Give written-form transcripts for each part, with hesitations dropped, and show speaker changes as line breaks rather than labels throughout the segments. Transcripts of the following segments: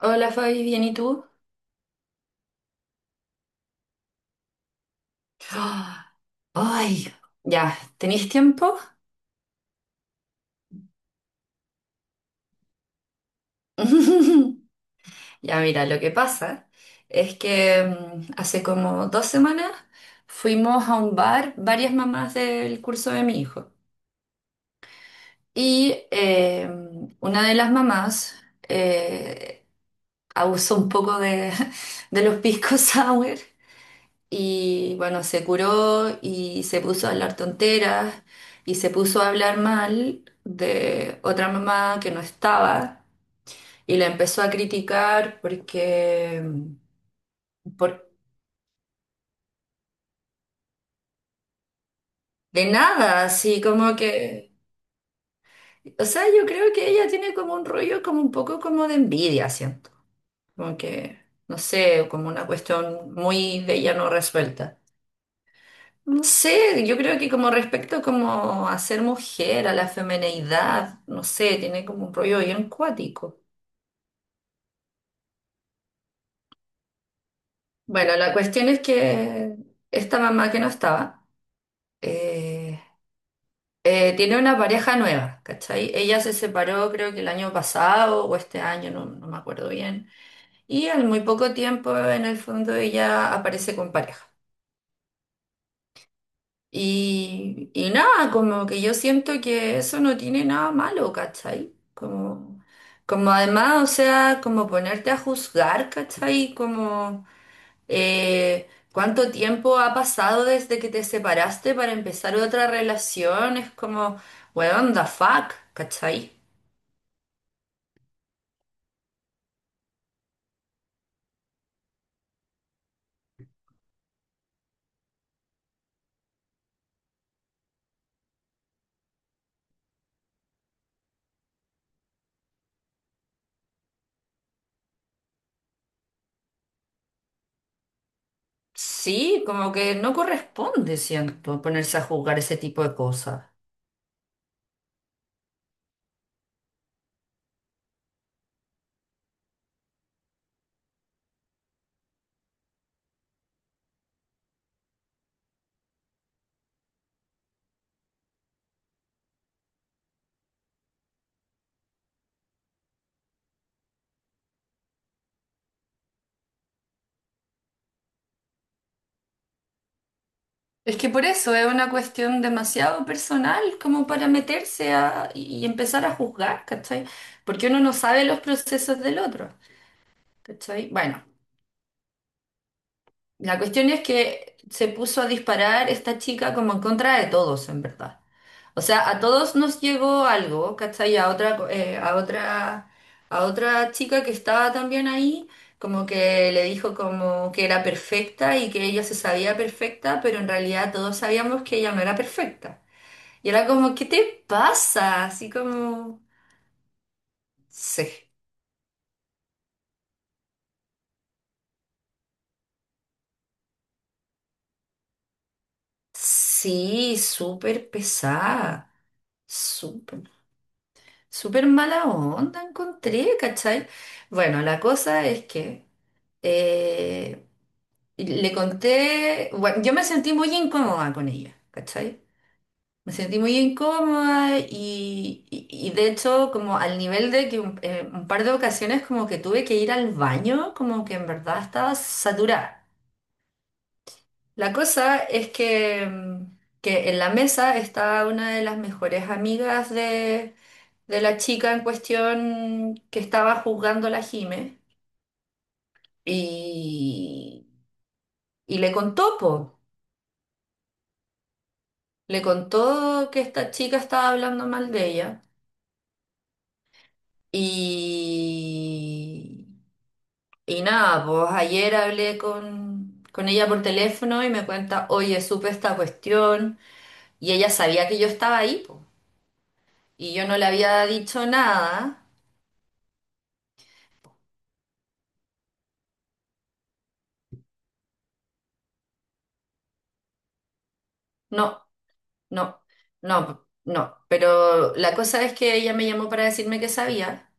Hola Fabi, ¿bien y tú? Ah, ay, ya, ¿tenéis tiempo? Ya, mira, lo que pasa es que hace como 2 semanas fuimos a un bar, varias mamás del curso de mi hijo, y una de las mamás eh, abusó un poco de, de los pisco sour. Y bueno, se curó y se puso a hablar tonteras y se puso a hablar mal de otra mamá que no estaba y la empezó a criticar porque, por, de nada, así como que, o sea, yo creo que ella tiene como un rollo como un poco como de envidia, siento, como que, no sé, como una cuestión muy de ella no resuelta. No sé, yo creo que como respecto como a ser mujer, a la femineidad, no sé, tiene como un rollo bien cuático. Bueno, la cuestión es que esta mamá que no estaba, eh, tiene una pareja nueva, ¿cachai? Ella se separó creo que el año pasado o este año, no, no me acuerdo bien, y al muy poco tiempo en el fondo ella aparece con pareja. Y nada, como que yo siento que eso no tiene nada malo, ¿cachai? Como, como además, o sea, como ponerte a juzgar, ¿cachai? Como cuánto tiempo ha pasado desde que te separaste para empezar otra relación, es como, weón, the fuck, ¿cachai? Sí, como que no corresponde, siento, ponerse a juzgar ese tipo de cosas. Es que por eso es una cuestión demasiado personal como para meterse a, y empezar a juzgar, ¿cachai? Porque uno no sabe los procesos del otro, ¿cachai? Bueno, la cuestión es que se puso a disparar esta chica como en contra de todos, en verdad. O sea, a todos nos llegó algo, ¿cachai? A otra, a otra chica que estaba también ahí, como que le dijo como que era perfecta y que ella se sabía perfecta, pero en realidad todos sabíamos que ella no era perfecta. Y era como, ¿qué te pasa? Así como, sí, sí, súper pesada, súper, súper mala onda encontré, ¿cachai? Bueno, la cosa es que eh, le conté, bueno, yo me sentí muy incómoda con ella, ¿cachai? Me sentí muy incómoda y, y de hecho como al nivel de que un par de ocasiones como que tuve que ir al baño, como que en verdad estaba saturada. La cosa es que, que en la mesa estaba una de las mejores amigas de la chica en cuestión que estaba juzgando a la Jime y, y le contó, po, le contó que esta chica estaba hablando mal de ella y, y nada, pues ayer hablé con ella por teléfono y me cuenta, oye, supe esta cuestión y ella sabía que yo estaba ahí, po, y yo no le había dicho nada. No, no, no, no. Pero la cosa es que ella me llamó para decirme que sabía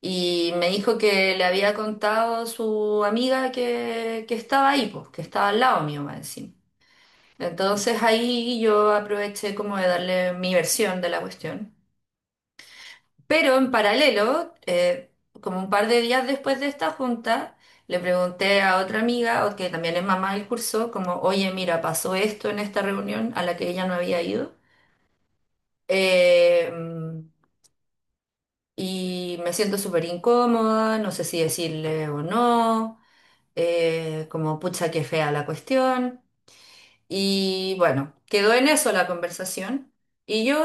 y me dijo que le había contado su amiga que estaba ahí, pues, que estaba al lado mío, más encima. Entonces ahí yo aproveché como de darle mi versión de la cuestión. Pero en paralelo, como un par de días después de esta junta, le pregunté a otra amiga, o que también es mamá del curso, como, oye, mira, pasó esto en esta reunión a la que ella no había ido. Eh, mm, y me siento súper incómoda, no sé si decirle o no, como pucha que fea la cuestión. Y bueno, quedó en eso la conversación. Y yo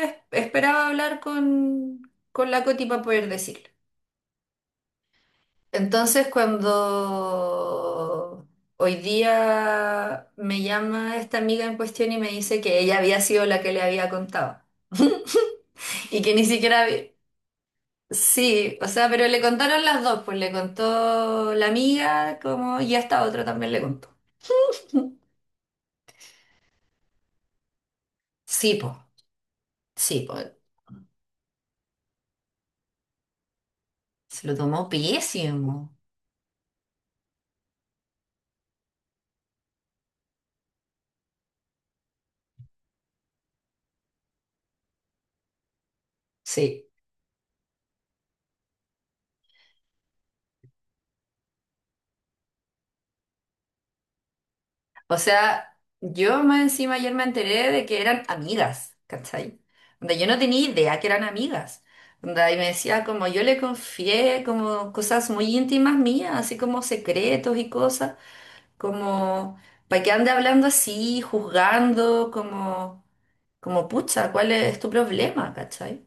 esperaba hablar con la Coti para poder decirle. Entonces, cuando hoy día me llama esta amiga en cuestión y me dice que ella había sido la que le había contado y que ni siquiera. Sí, o sea, pero le contaron las dos, pues le contó la amiga como y esta otra también le contó. Sí, pues, sí, pues, se lo tomó pésimo. Sí, o sea, yo más encima ayer me enteré de que eran amigas, ¿cachai? Donde yo no tenía idea que eran amigas. Onda, y me decía como yo le confié como cosas muy íntimas mías, así como secretos y cosas, como para que ande hablando así, juzgando, como... Como, pucha, ¿cuál es tu problema? ¿Cachai?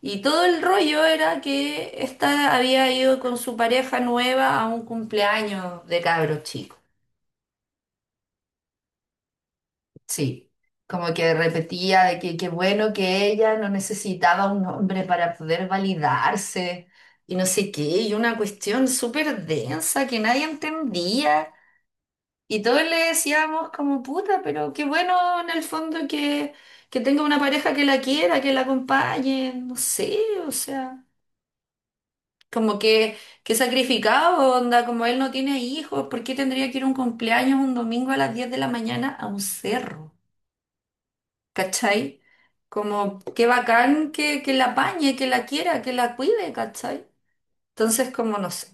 Y todo el rollo era que esta había ido con su pareja nueva a un cumpleaños de cabros chicos. Sí. Como que repetía de que qué bueno que ella no necesitaba un hombre para poder validarse y no sé qué, y una cuestión súper densa que nadie entendía. Y todos le decíamos como puta, pero qué bueno en el fondo que tenga una pareja que la quiera, que la acompañe, no sé, o sea, como que sacrificado, onda, como él no tiene hijos, ¿por qué tendría que ir a un cumpleaños un domingo a las 10 de la mañana a un cerro? ¿Cachai? Como qué bacán que la apañe, que la quiera, que la cuide, ¿cachai? Entonces, como no sé.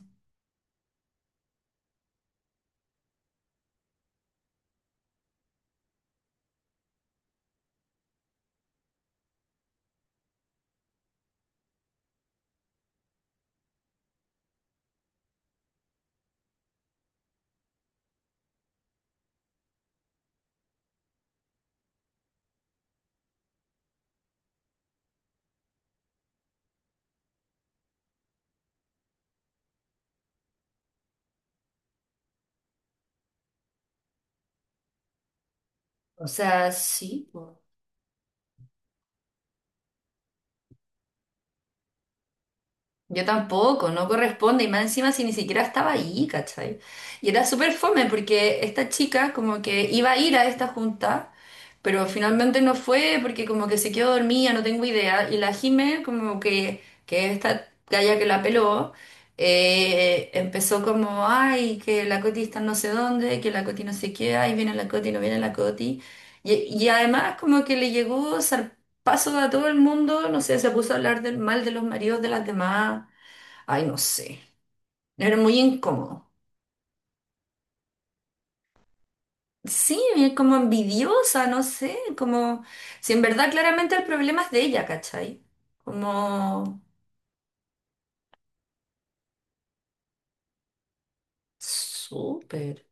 O sea, sí. Yo tampoco, no corresponde, y más encima si ni siquiera estaba ahí, ¿cachai? Y era súper fome porque esta chica como que iba a ir a esta junta, pero finalmente no fue porque como que se quedó dormida, no tengo idea, y la Jime como que esta galla que la peló, empezó como, ay, que la Coti está en no sé dónde, que la Coti no sé qué, ay, viene la Coti, no viene la Coti, y además como que le llegó paso a todo el mundo, no sé, se puso a hablar del mal de los maridos de las demás. Ay, no sé. Era muy incómodo. Sí, como envidiosa, no sé, como si en verdad claramente el problema es de ella, ¿cachai? Como súper.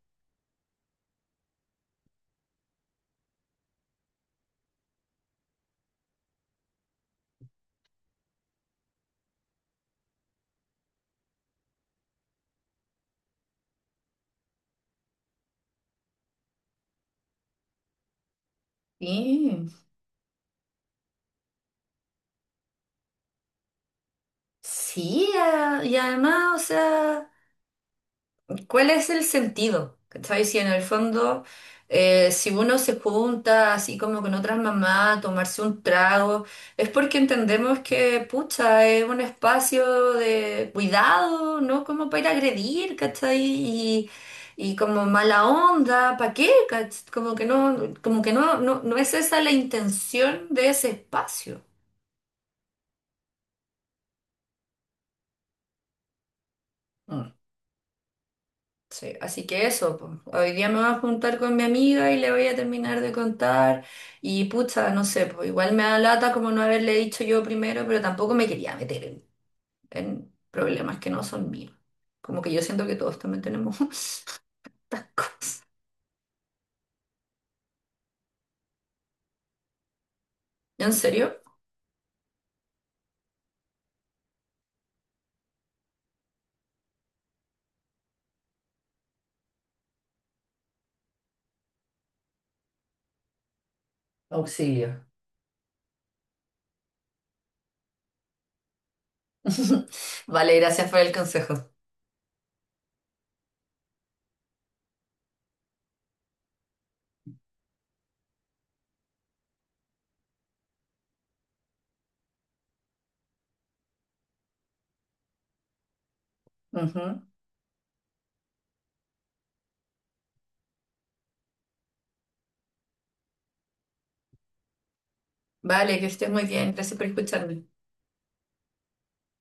Sí, sí, y además, o sea. ¿Cuál es el sentido? ¿Cachai? Si en el fondo, si uno se junta así como con otras mamás a tomarse un trago, es porque entendemos que, pucha, es un espacio de cuidado, ¿no? Como para ir a agredir, ¿cachai? Y como mala onda, ¿para qué? ¿Cach- como que no, no, no es esa la intención de ese espacio. Sí, así que eso, po. Hoy día me voy a juntar con mi amiga y le voy a terminar de contar y pucha, no sé, pues igual me da lata como no haberle dicho yo primero, pero tampoco me quería meter en problemas que no son míos. Como que yo siento que todos también tenemos estas cosas. ¿En serio? Auxilio. Vale, gracias por el consejo. Ujú. Vale, que estés muy bien. Gracias por escucharme.